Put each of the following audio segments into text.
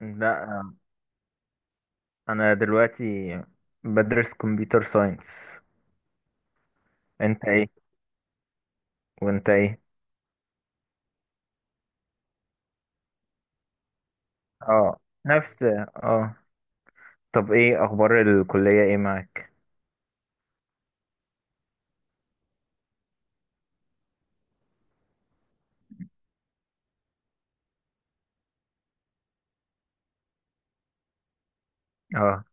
لا، انا دلوقتي بدرس كمبيوتر ساينس. انت ايه؟ وانت ايه؟ اه، نفس اه طب ايه اخبار الكلية، ايه معاك؟ اه.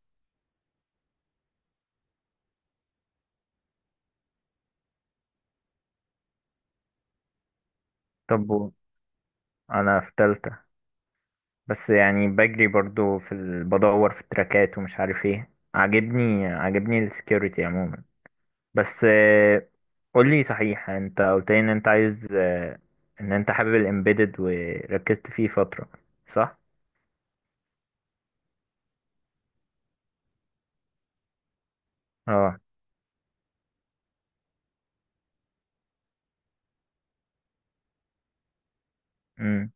طب و- انا في تالتة، بس يعني بجري برضو بدور في التراكات ومش عارف ايه. عاجبني السكيورتي عموما. بس قولي صحيح، انت قلت لي ان انت عايز، ان انت حابب الامبيدد وركزت فيه فترة، صح؟ اه. امم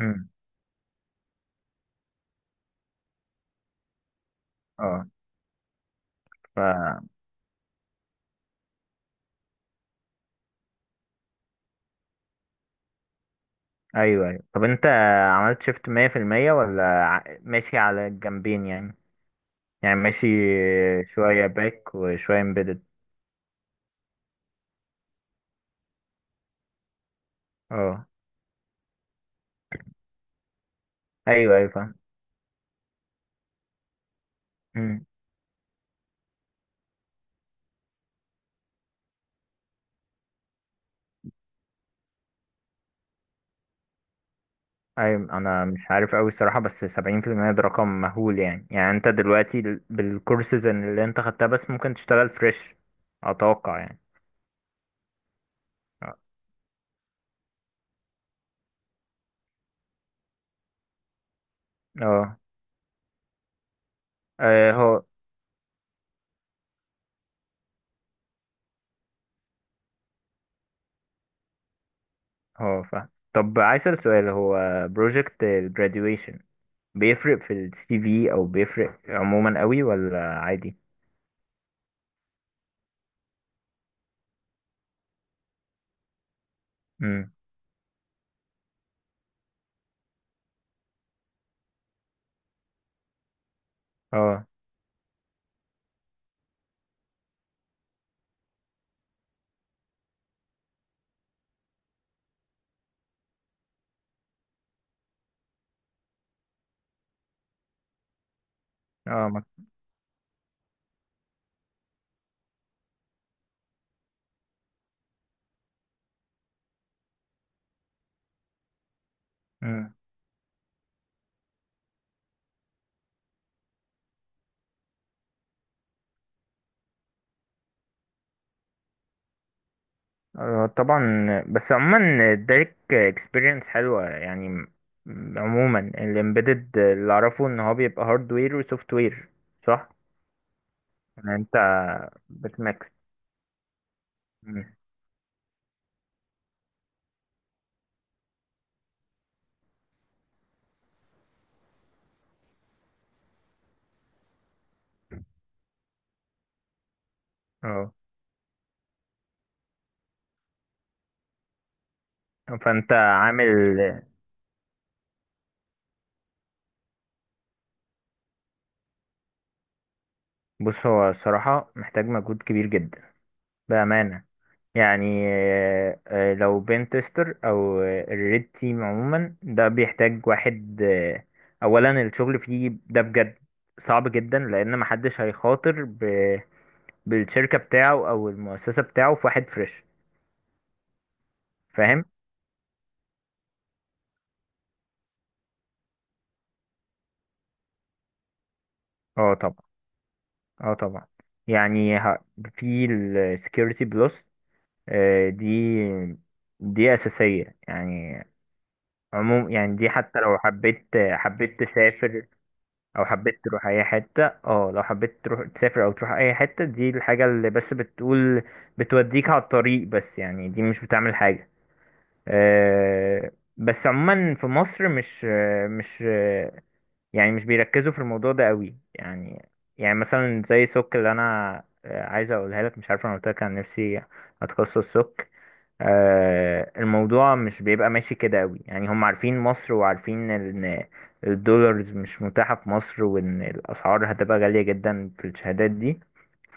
امم. اه. ف... ايوه، طب انت عملت شيفت 100%؟ ولا ماشي على الجنبين؟ يعني يعني ماشي شوية باك وشوية امبيدد. اه. ايوه، فاهم. أمم. ايوه، انا مش عارف اوي الصراحة، بس 70% ده رقم مهول يعني. يعني انت دلوقتي بالكورسز اللي انت خدتها بس ممكن تشتغل فريش، اتوقع يعني. اه اه. هو هو فاهم. طب عايز اسأل سؤال: هو بروجكت الجراديويشن بيفرق في السي في، او بيفرق عموما قوي ولا عادي؟ امم. اه. اه. مم. طبعا. بس عموما اداك اكسبيرينس حلوه يعني. عموما الامبيدد اللي اعرفه ان هو بيبقى هاردوير وسوفت وير، صح؟ يعني انت بتمكس. مم. اه، فانت عامل. بص، هو الصراحه محتاج مجهود كبير جدا، بامانه. يعني لو بين تيستر او الريد تيم، عموما ده بيحتاج واحد، اولا الشغل فيه ده بجد صعب جدا، لان محدش هيخاطر بالشركة بتاعه او المؤسسة بتاعه في واحد فريش. فاهم. اه طبعا. اه طبعا. يعني ه- في السكيورتي بلس، دي دي اساسية يعني. عموم يعني دي حتى لو حبيت، تسافر او حبيت تروح اي حتة. اه، لو حبيت تروح تسافر او تروح اي حتة، دي الحاجة اللي بس بتقول بتوديك على الطريق، بس يعني دي مش بتعمل حاجة. أه. بس عموما في مصر مش، يعني مش بيركزوا في الموضوع ده قوي يعني. يعني مثلا زي سوك اللي انا، عايز اقولها لك، مش عارف انا قلت لك عن نفسي، اتخصص سوك، الموضوع مش بيبقى ماشي كده قوي يعني. هم عارفين مصر وعارفين ان الدولارز مش متاحة في مصر، وان الاسعار هتبقى غالية جدا في الشهادات دي.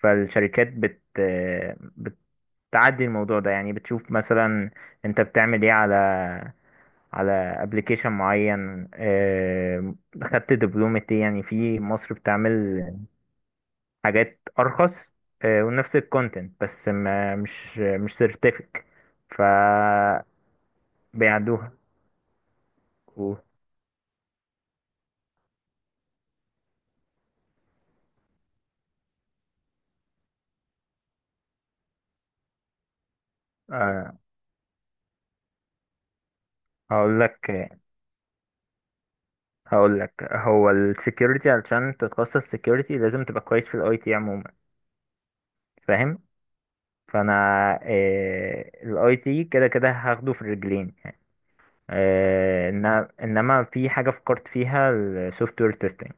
فالشركات بت آه، بتعدي الموضوع ده يعني. بتشوف مثلا انت بتعمل ايه على على ابلكيشن معين، خدت دبلومة ايه. يعني في مصر بتعمل حاجات ارخص، ونفس الكونتنت، بس ما مش مش سيرتيفيك، بيعدوها. و- آه، هقول لك هقول لك هو السكيورتي علشان تتخصص سكيورتي لازم تبقى كويس في الاي تي عموما. فاهم. فانا الاي تي كده كده هاخده في الرجلين. انما في حاجه فكرت فيها: السوفت وير تيستنج.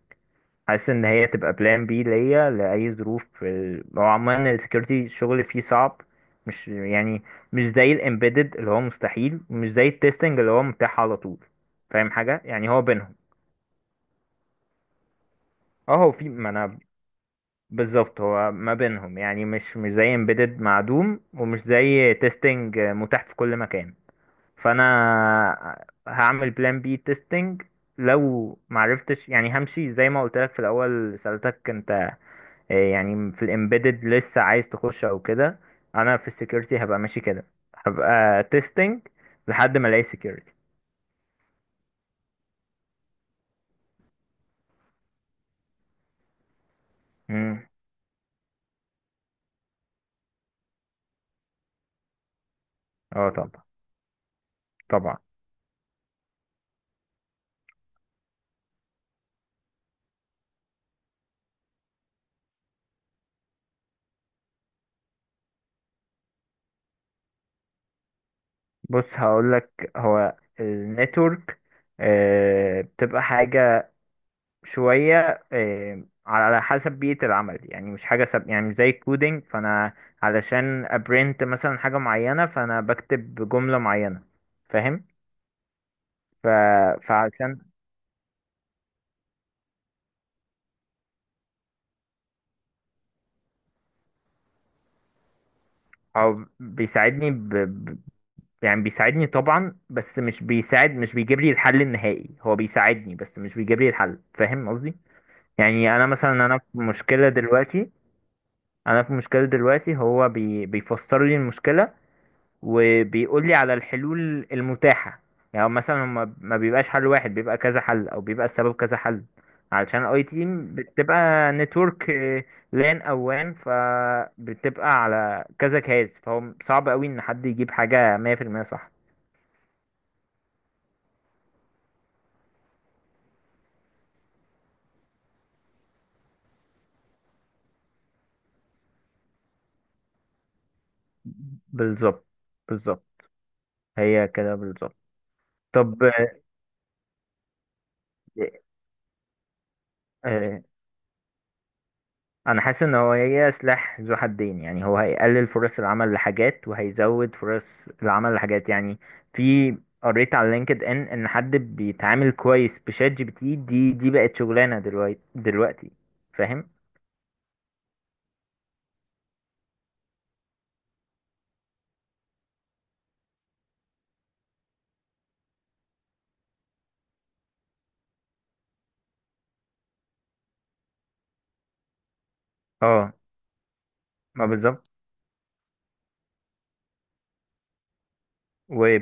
حاسس ان هي تبقى بلان بي ليا لاي ظروف هو عموما السكيورتي الشغل فيه صعب، مش يعني مش زي الامبيدد اللي هو مستحيل، ومش زي التيستنج اللي هو متاح على طول. فاهم حاجة؟ يعني هو بينهم. اه هو في، ما انا بالظبط، هو ما بينهم يعني. مش زي امبيدد معدوم ومش زي تيستنج متاح في كل مكان. فانا هعمل بلان بي تيستنج لو معرفتش يعني. همشي زي ما قلت لك في الاول سألتك انت، يعني في الامبيدد لسه عايز تخش او كده. انا في السكيورتي هبقى ماشي كده، هبقى تيستنج لحد ما الاقي سكيورتي. امم. اه طبعا. طبعا. بص هقول لك، هو النتورك بتبقى حاجة شوية، على حسب بيئة العمل يعني. مش حاجة سب، يعني مش زي الكودينج، فأنا علشان أبرنت مثلا حاجة معينة فأنا بكتب جملة معينة. فاهم. ف... فعلشان، أو بيساعدني ب... ب- يعني بيساعدني طبعا، بس مش بيساعد، مش بيجيب لي الحل النهائي. هو بيساعدني بس مش بيجيب لي الحل. فاهم قصدي؟ يعني أنا مثلا، أنا في مشكلة دلوقتي انا في مشكله دلوقتي، هو بي بيفسر لي المشكله، وبيقول لي على الحلول المتاحه. يعني مثلا هما ما بيبقاش حل واحد، بيبقى كذا حل، او بيبقى السبب كذا حل. علشان اي تيم بتبقى نتورك، لان او وان، فبتبقى على كذا جهاز، فهو صعب قوي ان حد يجيب حاجه 100% صح. بالظبط بالظبط. هي كده بالظبط. طب. آه، آه، انا حاسس ان هو، هي سلاح ذو حدين يعني. هو هيقلل فرص العمل لحاجات، وهيزود فرص العمل لحاجات يعني. في، قريت على لينكد ان حد بيتعامل كويس بشات جي بي تي دي، دي بقت شغلانه دلوقتي فاهم. اه ما بالظبط.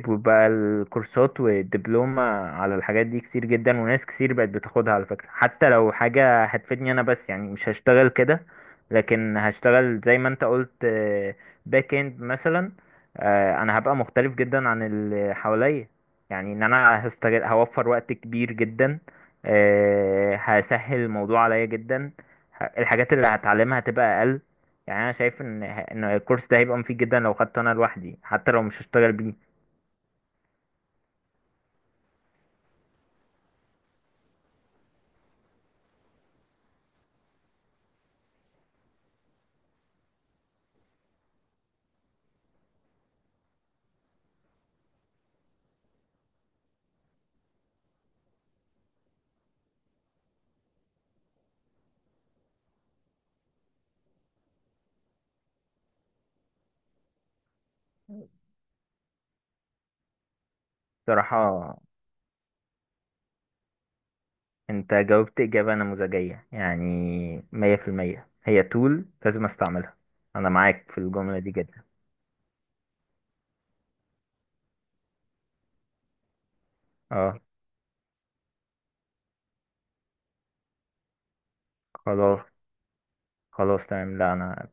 وبقى الكورسات والدبلومة على الحاجات دي كتير جدا، وناس كتير بقت بتاخدها. على فكرة حتى لو حاجة هتفيدني أنا، بس يعني مش هشتغل كده، لكن هشتغل زي ما أنت قلت، باك إند مثلا، أنا هبقى مختلف جدا عن اللي حواليا. يعني إن أنا هستغل هوفر وقت كبير جدا، هسهل الموضوع عليا جدا. الحاجات اللي هتعلمها هتبقى أقل. يعني أنا شايف إن الكورس ده هيبقى مفيد جدا لو خدته أنا لوحدي، حتى لو مش هشتغل بيه. بصراحة انت جاوبت اجابة نموذجية يعني. مية في المية هي تول لازم استعملها. انا معاك في الجملة دي جدا. اه. خلاص خلاص، تمام. لا انا